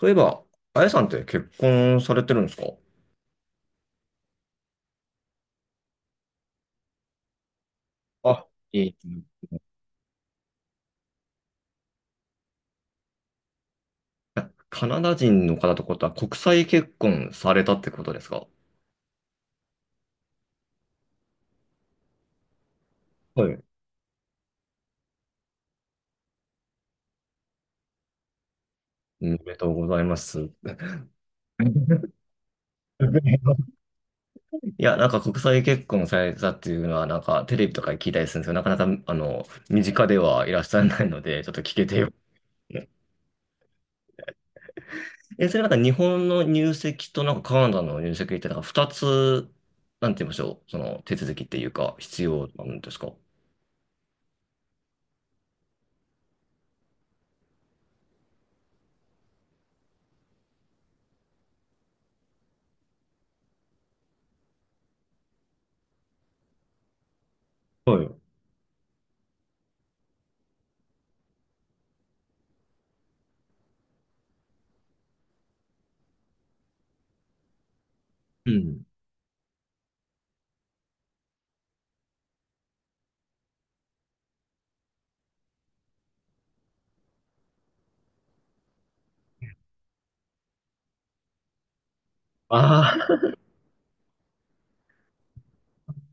そういえば、あやさんって結婚されてるんですか？あ、えっカナダ人の方ってことは国際結婚されたってことですか？はい。おめでとうございます。いや、なんか国際結婚されたっていうのは、なんかテレビとかで聞いたりするんですけど、なかなか、身近ではいらっしゃらないので、ちょっと聞けてよ。え、それなんか日本の入籍となんかカナダの入籍って、なんか二つ、なんて言いましょう、その手続きっていうか、必要なんですか？はい。うん。ああ、なる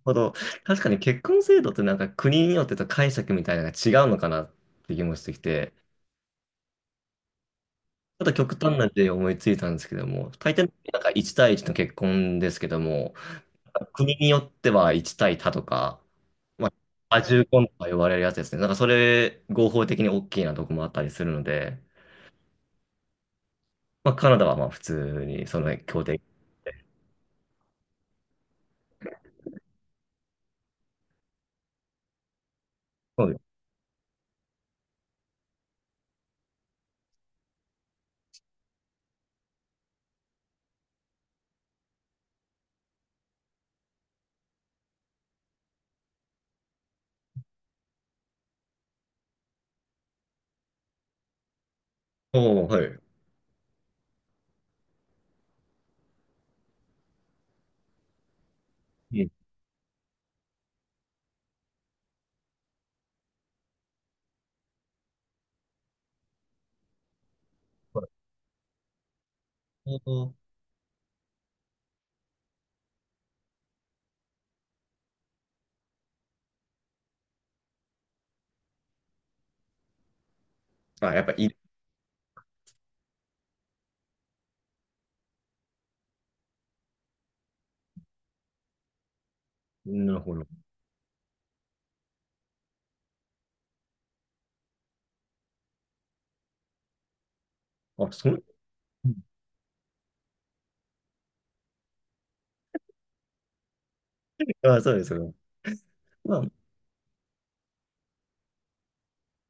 ほど。確かに結婚制度ってなんか国によってと解釈みたいなのが違うのかなって気もしてきて、ちょっと極端な例で思いついたんですけども、大抵なんか1対1の結婚ですけども、国によっては1対多とか、まあ、多重婚とか呼ばれるやつですね。なんかそれ合法的に大きいなとこもあったりするので、まあカナダはまあ普通にその協定。はい。おお、はい。うん。はい。あ、やっぱいい。なるほど。あ、その、あ、そうですよね。まあ、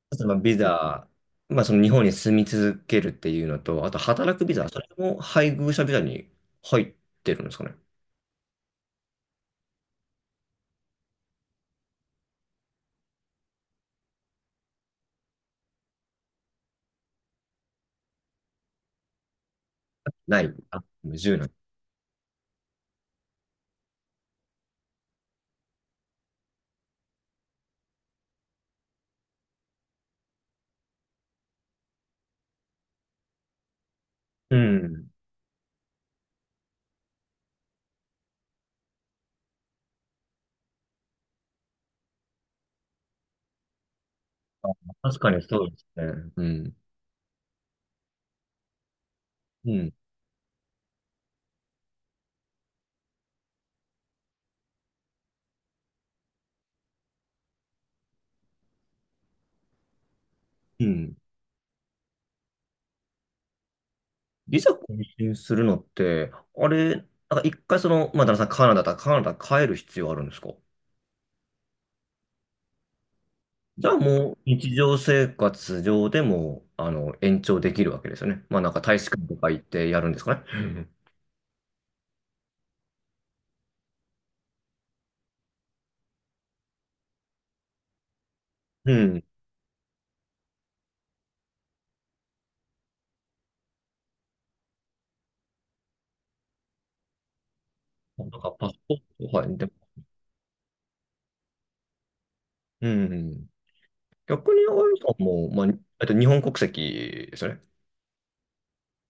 あとまのビザ、まあその日本に住み続けるっていうのと、あと働くビザ、それも配偶者ビザに入ってるんですかね。ない。あ、無年うねん。うん。あ、確かにそうですね。うん。うん。うん。ビザ更新するのって、あれ、なんか一回その、まあ、旦那さんカナダだったらカナダ帰る必要あるんですか？じゃあもう日常生活上でも、延長できるわけですよね。まあなんか大使館とか行ってやるんですかね。うん。うん。なんかパスポート、はい。で、うん。逆に、あやさんも、まあ、日本国籍ですよね。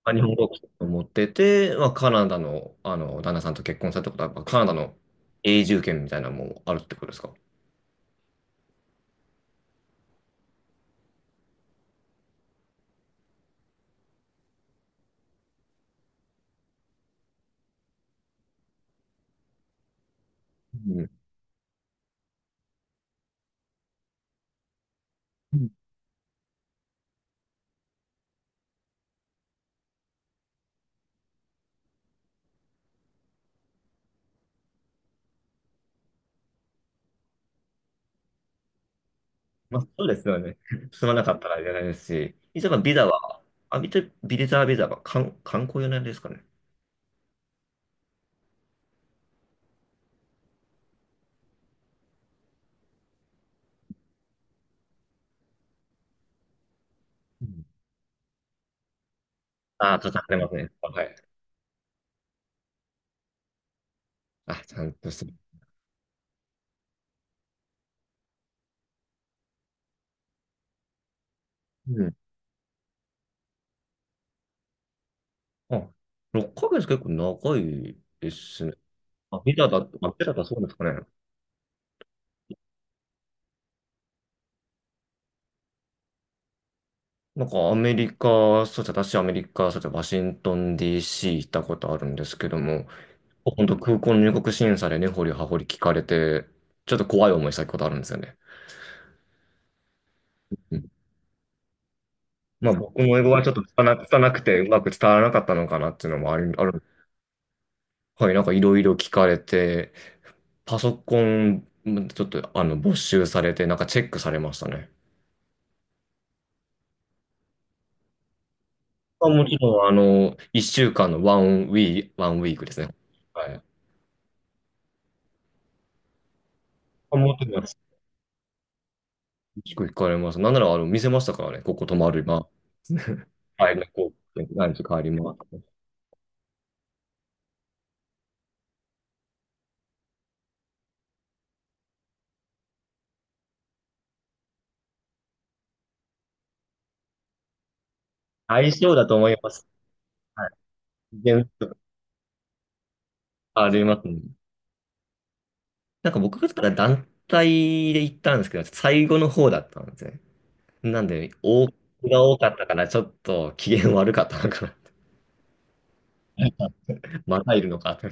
あ、日本国籍を持ってて、まあ、カナダの、旦那さんと結婚されたことは、まあカナダの永住権みたいなのもあるってことですか？うん。うん。まあ、そうですよね。住まなかったらいけないですし、一応、まあビザは、あ、ビザは観、観光用なんですかね。うん。ああ、かかってますね。はい。あ、ちゃんとする。うん。あ、6ヶ月結構長いですね。あ、ビザだそうですかね。なんかアメリカ、そうですね、私アメリカ、そうですね、ワシントン DC 行ったことあるんですけども、本当空港の入国審査でねほりはほり聞かれて、ちょっと怖い思いしたことあるんですよね。うん。まあ僕も英語はちょっと拙くてうまく伝わらなかったのかなっていうのもある。はい、なんかいろいろ聞かれて、パソコンちょっと没収されて、なんかチェックされましたね。まあ、もちろん、1週間のワンウィークですね。はい。あ、もちろん結構行かれます。なんなら、見せましたからね。ここ泊まる、まあ、はい、こう、何時帰ります。相性だと思います。はい。全然ありますね。なんか僕がから団体で行ったんですけど、最後の方だったんですね。なんで、多が多かったから、ちょっと機嫌悪かったのかな。またいるのかって。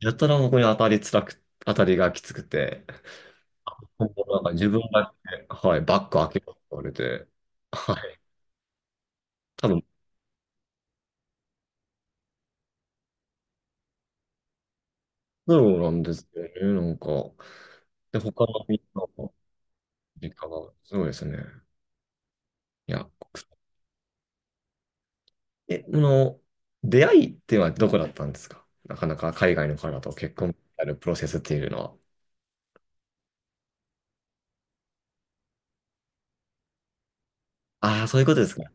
やたらここに当たりがきつくて、ほんとなんか自分だけ、はい、バッグ開けろって言われて、はい。多分、そうなんですよね。なんか、で、他のみんなの実家が、すごいですね。いや、え、この、出会いっていうのはどこだったんですか？なかなか海外の方と結婚になるプロセスっていうのは。ああ、そういうことですか。い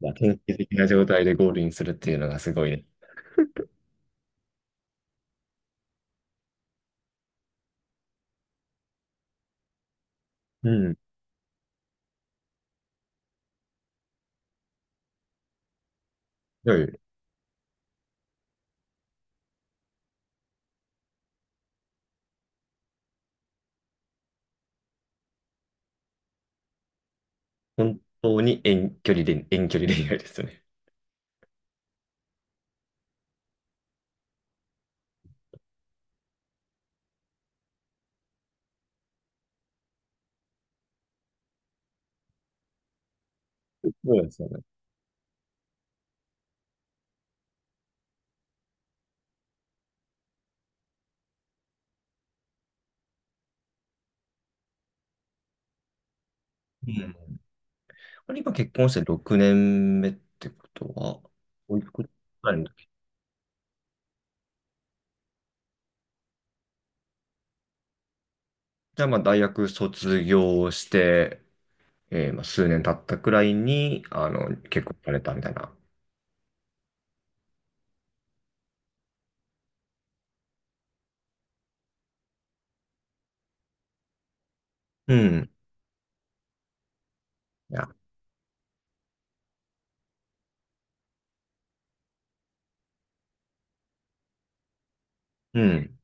や典型的な状態でゴールインするっていうのがすごいね。うん。すごい本当に遠距離恋愛ですよね。そうですよね。うん。これ今結婚して6年目ってことは、おいくつぐらいの時？じゃあまあ大学卒業して、まあ、数年経ったくらいに、結婚されたみたいな。うん。いや、うん。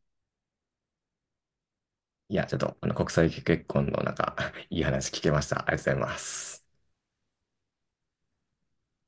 いや、ちょっと、国際結婚のなんか、いい話聞けました。ありがとうございます。